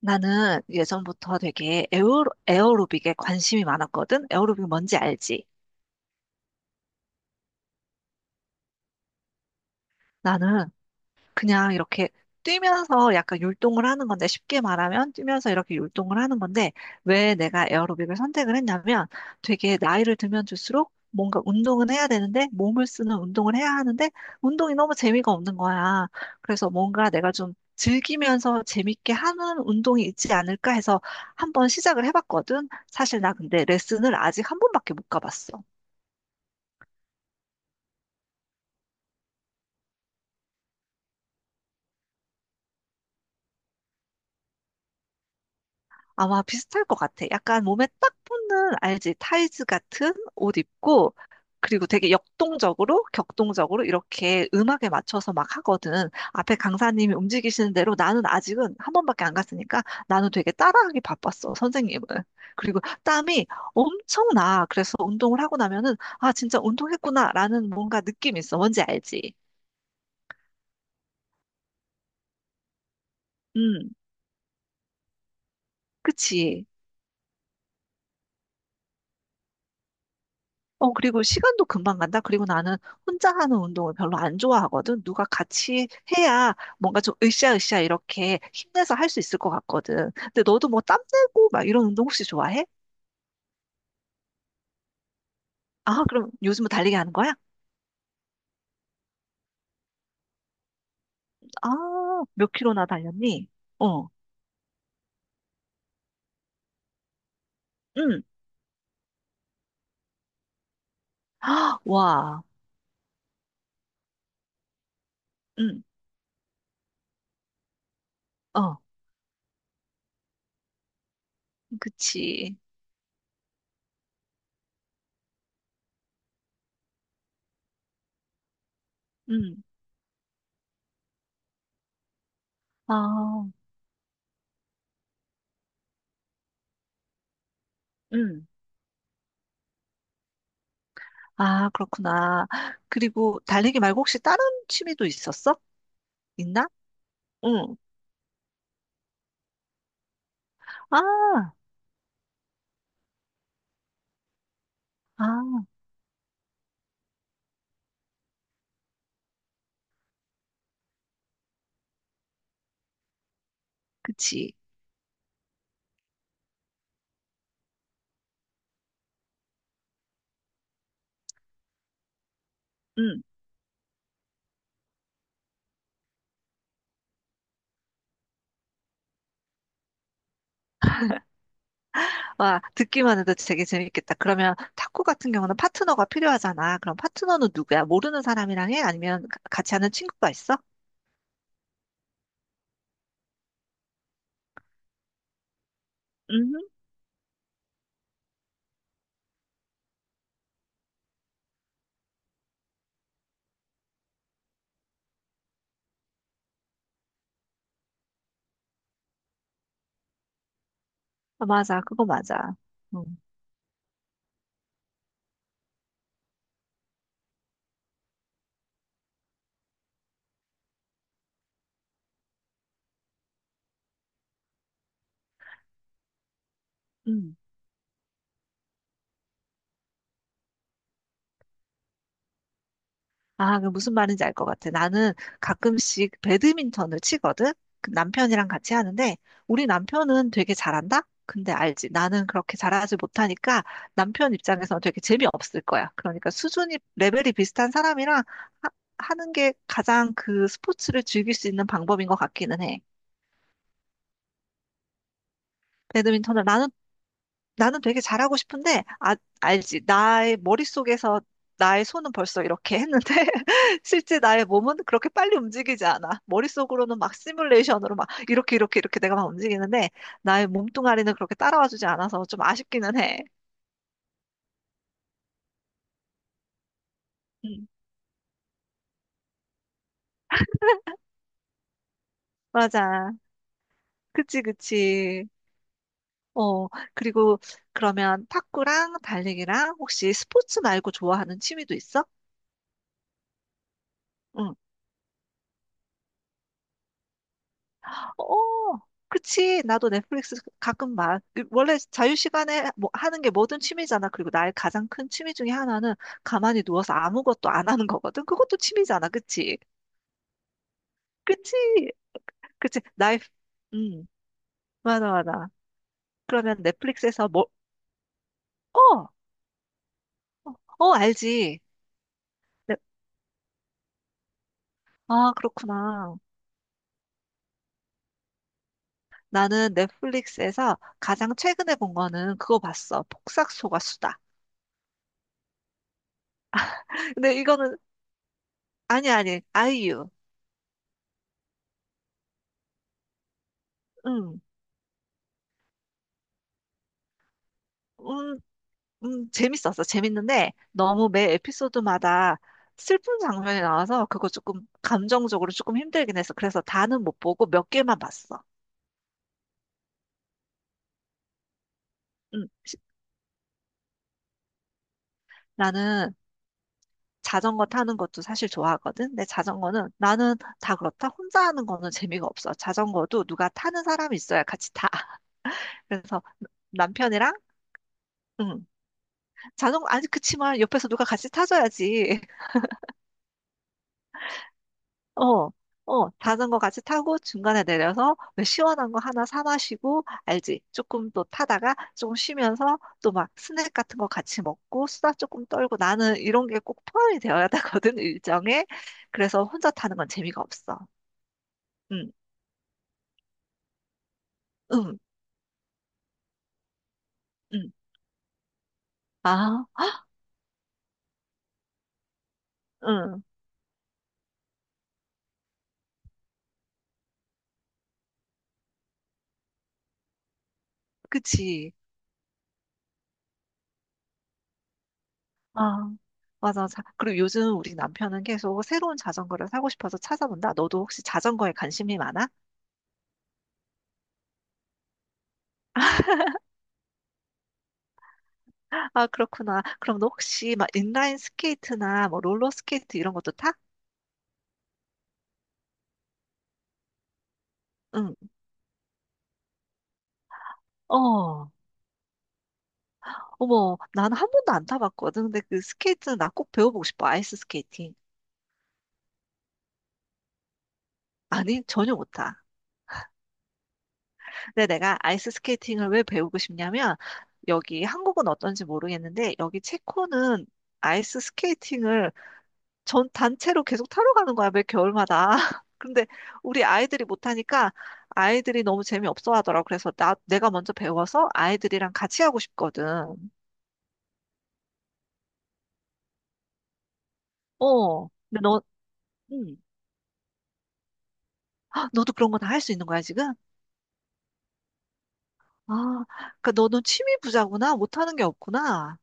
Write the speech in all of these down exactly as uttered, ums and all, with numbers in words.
나는 예전부터 되게 에어로, 에어로빅에 관심이 많았거든? 에어로빅 뭔지 알지? 나는 그냥 이렇게 뛰면서 약간 율동을 하는 건데, 쉽게 말하면 뛰면서 이렇게 율동을 하는 건데, 왜 내가 에어로빅을 선택을 했냐면, 되게 나이를 들면 들수록 뭔가 운동은 해야 되는데, 몸을 쓰는 운동을 해야 하는데, 운동이 너무 재미가 없는 거야. 그래서 뭔가 내가 좀 즐기면서 재밌게 하는 운동이 있지 않을까 해서 한번 시작을 해봤거든. 사실 나 근데 레슨을 아직 한 번밖에 못 가봤어. 아마 비슷할 것 같아. 약간 몸에 딱 붙는, 알지? 타이즈 같은 옷 입고, 그리고 되게 역동적으로, 격동적으로 이렇게 음악에 맞춰서 막 하거든. 앞에 강사님이 움직이시는 대로 나는 아직은 한 번밖에 안 갔으니까 나는 되게 따라하기 바빴어, 선생님은. 그리고 땀이 엄청 나. 그래서 운동을 하고 나면은, 아, 진짜 운동했구나라는 뭔가 느낌이 있어. 뭔지 알지? 음, 그치. 어, 그리고 시간도 금방 간다. 그리고 나는 혼자 하는 운동을 별로 안 좋아하거든. 누가 같이 해야 뭔가 좀 으쌰으쌰 이렇게 힘내서 할 수 있을 것 같거든. 근데 너도 뭐 땀내고 막 이런 운동 혹시 좋아해? 아, 그럼 요즘은 달리기 하는 거야? 아, 몇 킬로나 달렸니? 어, 응. 아, 와, 응, 어, 그치. 응, 아, 응. 아, 그렇구나. 그리고 달리기 말고 혹시 다른 취미도 있었어? 있나? 응. 아, 아. 그치. 응. 와, 듣기만 해도 되게 재밌겠다. 그러면 탁구 같은 경우는 파트너가 필요하잖아. 그럼 파트너는 누구야? 모르는 사람이랑 해? 아니면 가- 같이 하는 친구가 있어? 음, 맞아. 그거 맞아. 응. 응. 아, 그 무슨 말인지 알 것 같아. 나는 가끔씩 배드민턴을 치거든? 그 남편이랑 같이 하는데, 우리 남편은 되게 잘한다? 근데 알지. 나는 그렇게 잘하지 못하니까 남편 입장에서는 되게 재미없을 거야. 그러니까 수준이, 레벨이 비슷한 사람이랑 하, 하는 게 가장 그 스포츠를 즐길 수 있는 방법인 것 같기는 해. 배드민턴을 나는 나는 되게 잘하고 싶은데, 아, 알지. 나의 머릿속에서 나의 손은 벌써 이렇게 했는데, 실제 나의 몸은 그렇게 빨리 움직이지 않아. 머릿속으로는 막 시뮬레이션으로 막 이렇게, 이렇게, 이렇게 내가 막 움직이는데, 나의 몸뚱아리는 그렇게 따라와 주지 않아서 좀 아쉽기는 해. 음. 맞아. 그치, 그치. 어, 그리고 그러면 탁구랑 달리기랑 혹시 스포츠 말고 좋아하는 취미도 있어? 응. 어, 그치. 나도 넷플릭스 가끔 봐. 그 원래 자유시간에 뭐 하는 게 뭐든 취미잖아. 그리고 나의 가장 큰 취미 중에 하나는 가만히 누워서 아무것도 안 하는 거거든. 그것도 취미잖아. 그치? 그치? 그치? 나의, 음, 맞아, 맞아. 그러면 넷플릭스에서 뭐, 어, 어, 알지. 넷- 아, 그렇구나. 나는 넷플릭스에서 가장 최근에 본 거는 그거 봤어. 폭삭 속았수다. 근데 이거는, 아니, 아니, 아이유. 응. 음, 음, 재밌었어. 재밌는데 너무 매 에피소드마다 슬픈 장면이 나와서 그거 조금 감정적으로 조금 힘들긴 했어. 그래서 다는 못 보고 몇 개만 봤어. 음, 시- 나는 자전거 타는 것도 사실 좋아하거든. 근데 자전거는 나는 다 그렇다. 혼자 하는 거는 재미가 없어. 자전거도 누가 타는 사람이 있어야 같이 타. 그래서 남편이랑 음, 자전거 아니 그치만 옆에서 누가 같이 타줘야지. 어, 어, 자전거 같이 타고 중간에 내려서 왜 시원한 거 하나 사 마시고, 알지? 조금 또 타다가 조금 쉬면서 또 막 스낵 같은 거 같이 먹고 수다 조금 떨고 나는 이런 게 꼭 포함이 되어야 되거든, 일정에. 그래서 혼자 타는 건 재미가 없어. 응, 응, 응. 아, 응, 그치. 아, 맞아. 자, 그리고 요즘 우리 남편은 계속 새로운 자전거를 사고 싶어서 찾아본다. 너도 혹시 자전거에 관심이 많아? 아, 그렇구나. 그럼 너 혹시 막 인라인 스케이트나 뭐 롤러 스케이트 이런 것도 타? 응. 어. 어머, 난 한 번도 안 타봤거든. 근데 그 스케이트는 나 꼭 배워보고 싶어. 아이스 스케이팅. 아니, 전혀 못 타. 근데 내가 아이스 스케이팅을 왜 배우고 싶냐면 여기 한국은 어떤지 모르겠는데 여기 체코는 아이스 스케이팅을 전 단체로 계속 타러 가는 거야, 매 겨울마다. 근데 우리 아이들이 못하니까 아이들이 너무 재미없어 하더라고. 그래서 나, 내가 먼저 배워서 아이들이랑 같이 하고 싶거든. 어. 근데 너, 음. 헉, 너도 그런 거 다 할 수 있는 거야, 지금? 아, 그니까 너는 취미 부자구나. 못하는 게 없구나.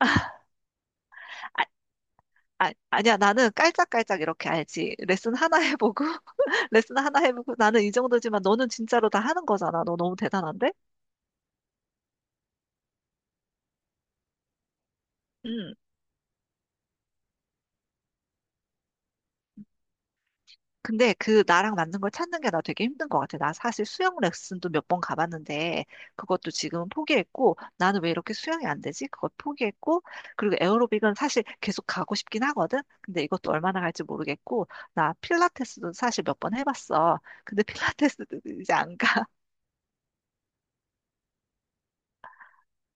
아, 아, 아니야, 나는 깔짝깔짝 이렇게 알지. 레슨 하나 해보고, 레슨 하나 해보고, 나는 이 정도지만 너는 진짜로 다 하는 거잖아. 너 너무 대단한데? 근데 그 나랑 맞는 걸 찾는 게 나 되게 힘든 것 같아. 나 사실 수영 레슨도 몇 번 가봤는데 그것도 지금은 포기했고 나는 왜 이렇게 수영이 안 되지? 그것 포기했고 그리고 에어로빅은 사실 계속 가고 싶긴 하거든. 근데 이것도 얼마나 갈지 모르겠고 나 필라테스도 사실 몇 번 해봤어. 근데 필라테스도 이제 안 가.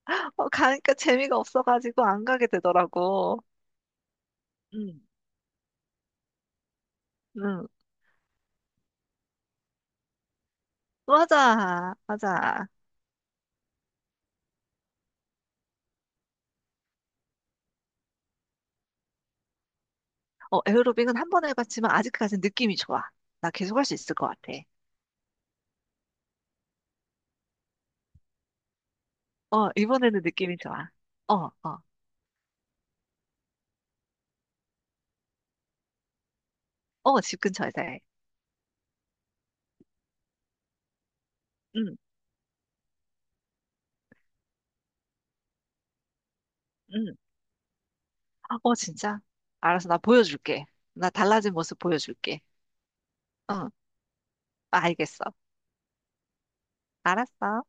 어, 가니까 재미가 없어가지고 안 가게 되더라고. 응, 응. 맞아, 맞아. 어, 에어로빅은 한 번 해봤지만 아직까지는 느낌이 좋아. 나 계속 할 수 있을 것 같아. 어, 이번에는 느낌이 좋아. 어, 어, 어, 집 근처에서 해. 응, 응. 어, 진짜? 알았어, 나 보여줄게. 나 달라진 모습 보여줄게. 어, 알겠어. 알았어.